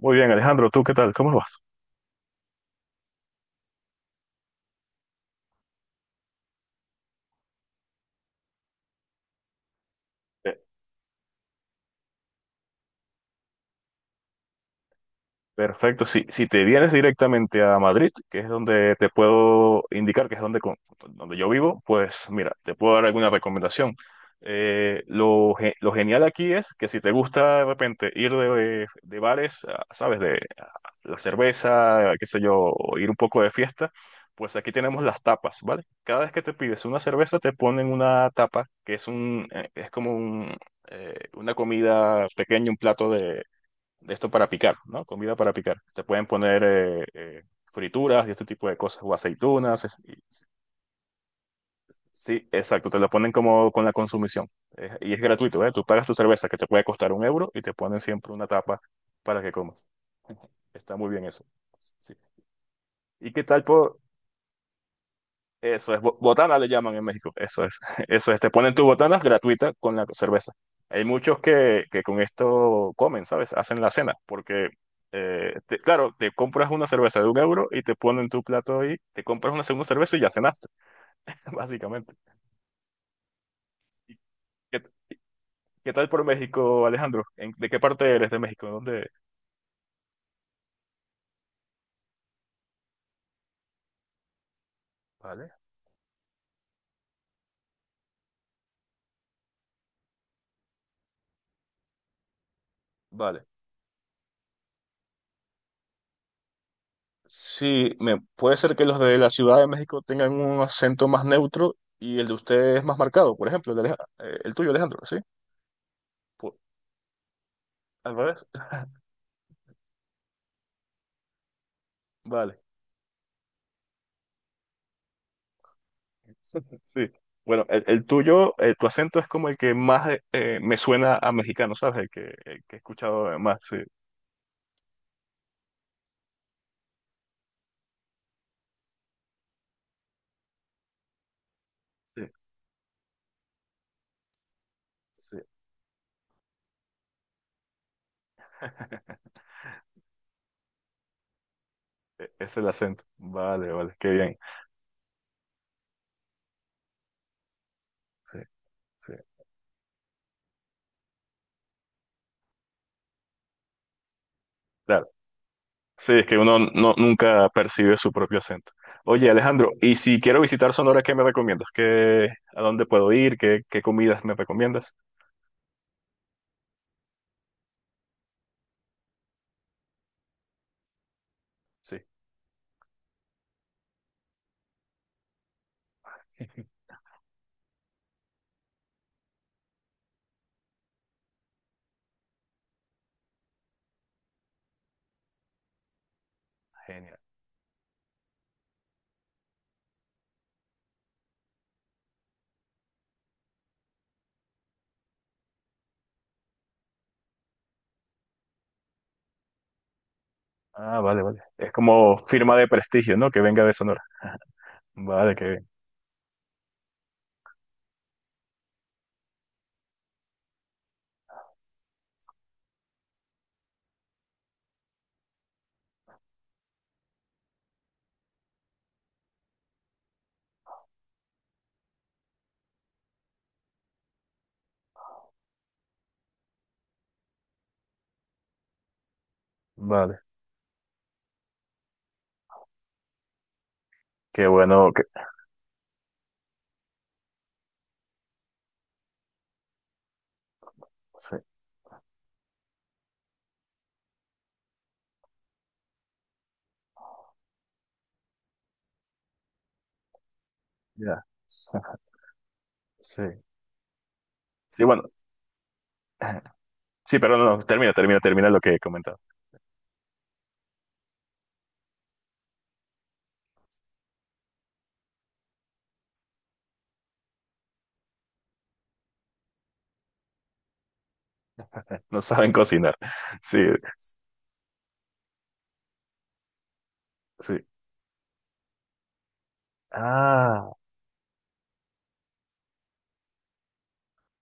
Muy bien, Alejandro, ¿tú qué tal? ¿Cómo vas? Perfecto, si te vienes directamente a Madrid, que es donde te puedo indicar, que es donde, con- donde yo vivo, pues mira, te puedo dar alguna recomendación. Lo genial aquí es que si te gusta de repente ir de bares, ¿sabes? De a la cerveza, qué sé yo, o ir un poco de fiesta, pues aquí tenemos las tapas, ¿vale? Cada vez que te pides una cerveza, te ponen una tapa, que es un, es como un, una comida pequeña, un plato de esto para picar, ¿no? Comida para picar. Te pueden poner frituras y este tipo de cosas, o aceitunas. Sí, exacto, te lo ponen como con la consumición. Y es gratuito, ¿eh? Tú pagas tu cerveza, que te puede costar un euro, y te ponen siempre una tapa para que comas. Está muy bien eso. Sí. ¿Y qué tal, por, Eso es, botana le llaman en México, eso es, eso es, te ponen tus botanas gratuita con la cerveza. Hay muchos que con esto comen, ¿sabes? Hacen la cena, porque, claro, te compras una cerveza de un euro y te ponen tu plato ahí, te compras una segunda cerveza y ya cenaste, básicamente. ¿Y ¿Qué, qué tal por México, Alejandro? ¿De qué parte eres de México? ¿Dónde? Vale, vale. Sí, puede ser que los de la Ciudad de México tengan un acento más neutro y el de ustedes más marcado, por ejemplo, el tuyo, Alejandro, ¿sí? Pu- ¿Al revés? Vale. Sí. Bueno, el, tu acento es como el que más me suena a mexicano, ¿sabes? El que he escuchado más, sí. Sí, sí. Es el acento. Vale, vale, qué bien. Sí, sí. Claro. Sí, es que uno nunca percibe su propio acento. Oye, Alejandro, y si quiero visitar Sonora, ¿qué me recomiendas? ¿A dónde puedo ir? ¿Qué comidas me recomiendas? Sí. Genial. Ah, vale, vale. Es como firma de prestigio, ¿no? Que venga de Sonora. Vale, que Vale, qué bueno que... Sí, ya. Sí. Sí, bueno. Sí, pero no, no, termina, termina, termina lo que he comentado. No saben cocinar. Sí, sí. Ah,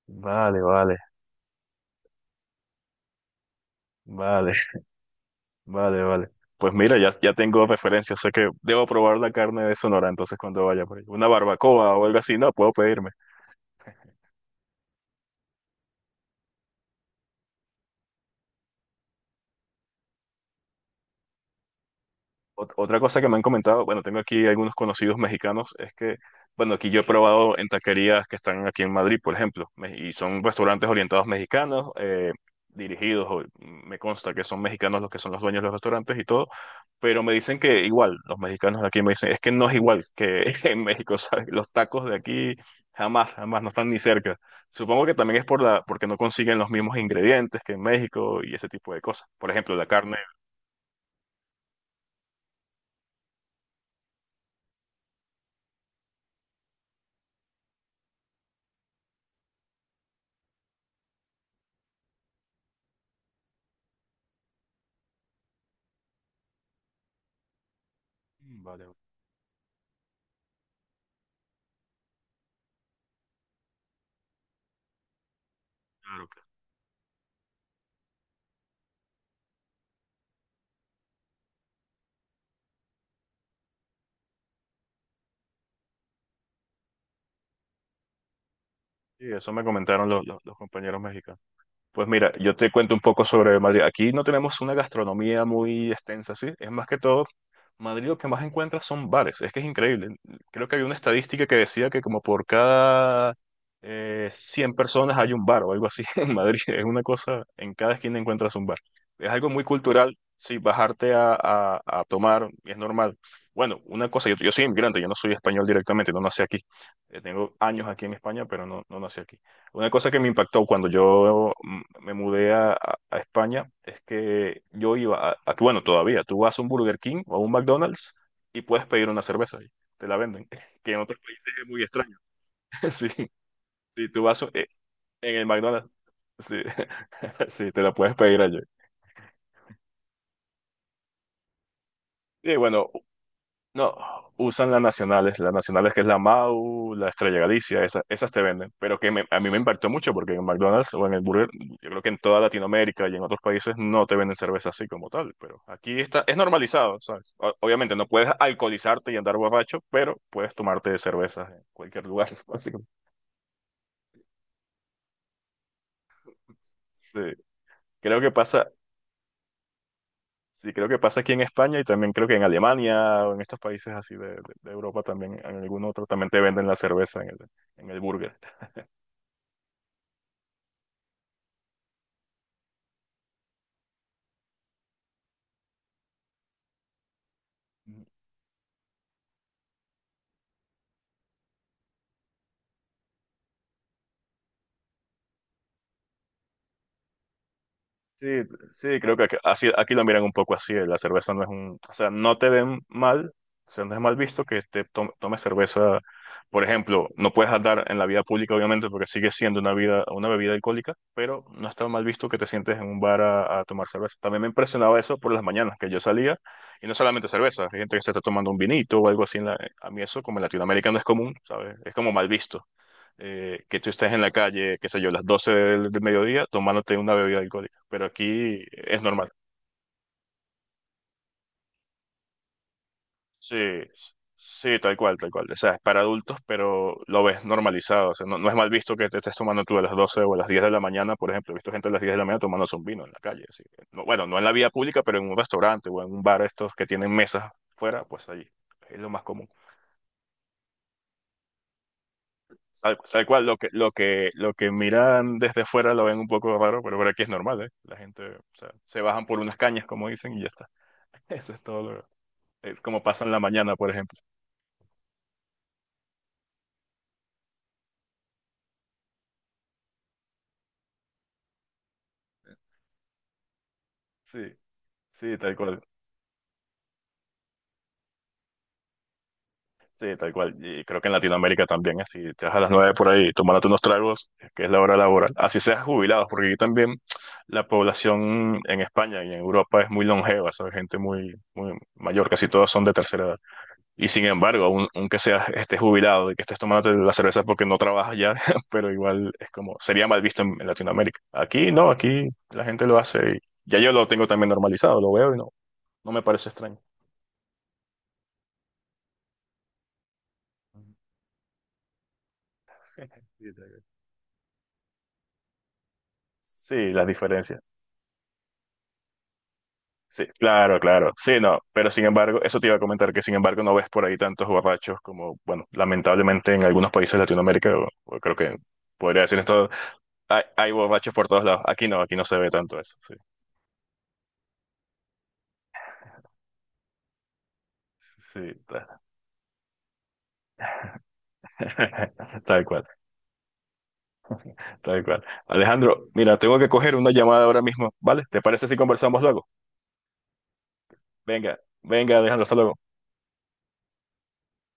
vale, vale, vale, vale, vale. Pues mira, ya tengo referencias, sé que debo probar la carne de Sonora, entonces cuando vaya por ahí. Una barbacoa o algo así, no, puedo pedirme. Otra cosa que me han comentado, bueno, tengo aquí algunos conocidos mexicanos, es que, bueno, aquí yo he probado en taquerías que están aquí en Madrid, por ejemplo, y son restaurantes orientados mexicanos, dirigidos, me consta que son mexicanos los que son los dueños de los restaurantes y todo, pero me dicen que igual, los mexicanos de aquí me dicen, es que no es igual que en México, ¿sabes? Los tacos de aquí jamás, jamás no están ni cerca. Supongo que también es porque no consiguen los mismos ingredientes que en México y ese tipo de cosas. Por ejemplo, la carne. Vale, vale. Sí, eso me comentaron los compañeros mexicanos. Pues mira, yo te cuento un poco sobre Madrid. Aquí no tenemos una gastronomía muy extensa, ¿sí? Es más que todo, Madrid lo que más encuentras son bares. Es que es increíble. Creo que había una estadística que decía que como por cada 100 personas hay un bar o algo así en Madrid. Es una cosa, en cada esquina encuentras un bar. Es algo muy cultural, sí, bajarte a tomar es normal. Bueno, una cosa, yo soy inmigrante, yo no soy español directamente, no nací aquí. Tengo años aquí en España, pero no nací aquí. Una cosa que me impactó cuando yo me mudé a España es que yo iba a- bueno, todavía, tú vas a un Burger King o a un McDonald's y puedes pedir una cerveza y te la venden, que en otros países es muy extraño. Sí, sí, tú vas en el McDonald's, sí, sí, te la puedes pedir allí. Sí, bueno, no, usan las nacionales, que es la MAU, la Estrella Galicia, esas te venden, pero que a mí me impactó mucho porque en McDonald's o en el Burger, yo creo que en toda Latinoamérica y en otros países no te venden cerveza así como tal, pero aquí está, es normalizado, ¿sabes? Obviamente no puedes alcoholizarte y andar borracho, pero puedes tomarte cervezas en cualquier lugar, básicamente. Sí, creo que pasa, sí, creo que pasa aquí en España, y también creo que en Alemania o en estos países así de Europa también, en algún otro también te venden la cerveza en el burger. Sí, sí, creo que así, aquí lo miran un poco así. La cerveza no es un, o sea, no te ven mal, o sea, no es mal visto que te tomes cerveza. Por ejemplo, no puedes andar en la vida pública, obviamente, porque sigue siendo una bebida alcohólica, pero no está mal visto que te sientes en un bar a tomar cerveza. También me impresionaba eso por las mañanas, que yo salía, y no solamente cerveza, hay gente que se está tomando un vinito o algo así. A mí eso, como en Latinoamérica, no es común, ¿sabes? Es como mal visto. Que tú estés en la calle, qué sé yo, las 12 del mediodía tomándote una bebida alcohólica, pero aquí es normal. Sí, sí, tal cual, tal cual. O sea, es para adultos, pero lo ves normalizado. O sea, no es mal visto que te estés tomando tú a las 12 o a las 10 de la mañana, por ejemplo. He visto gente a las 10 de la mañana tomándose un vino en la calle. Así que, bueno, no en la vía pública, pero en un restaurante o en un bar, estos que tienen mesas fuera, pues allí. Es lo más común. Tal cual, lo que miran desde fuera lo ven un poco raro, pero por aquí es normal, ¿eh? La gente, o sea, se bajan por unas cañas, como dicen, y ya está. Eso es todo es como pasa en la mañana, por ejemplo. Sí, sí, tal cual. Sí, tal cual. Y creo que en Latinoamérica también, así, te vas a las nueve por ahí, tomándote unos tragos, que es la hora laboral. Así seas jubilados, porque aquí también la población en España y en Europa es muy longeva, ¿sabes? Gente muy, muy mayor, casi todos son de tercera edad. Y sin embargo, aunque seas estés jubilado y que estés tomando la cerveza porque no trabajas ya, pero igual es como, sería mal visto en Latinoamérica. Aquí no, aquí la gente lo hace y ya yo lo tengo también normalizado, lo veo y no me parece extraño. Sí, las diferencias. Sí, claro, claro. Sí, no, pero sin embargo, eso te iba a comentar, que sin embargo no ves por ahí tantos borrachos como, bueno, lamentablemente en algunos países de Latinoamérica, o creo que podría decir esto, hay borrachos por todos lados. Aquí no se ve tanto eso. Sí, sí, tal cual, tal cual. Alejandro, mira, tengo que coger una llamada ahora mismo, ¿vale? ¿Te parece si conversamos luego? Venga, venga, Alejandro, hasta luego.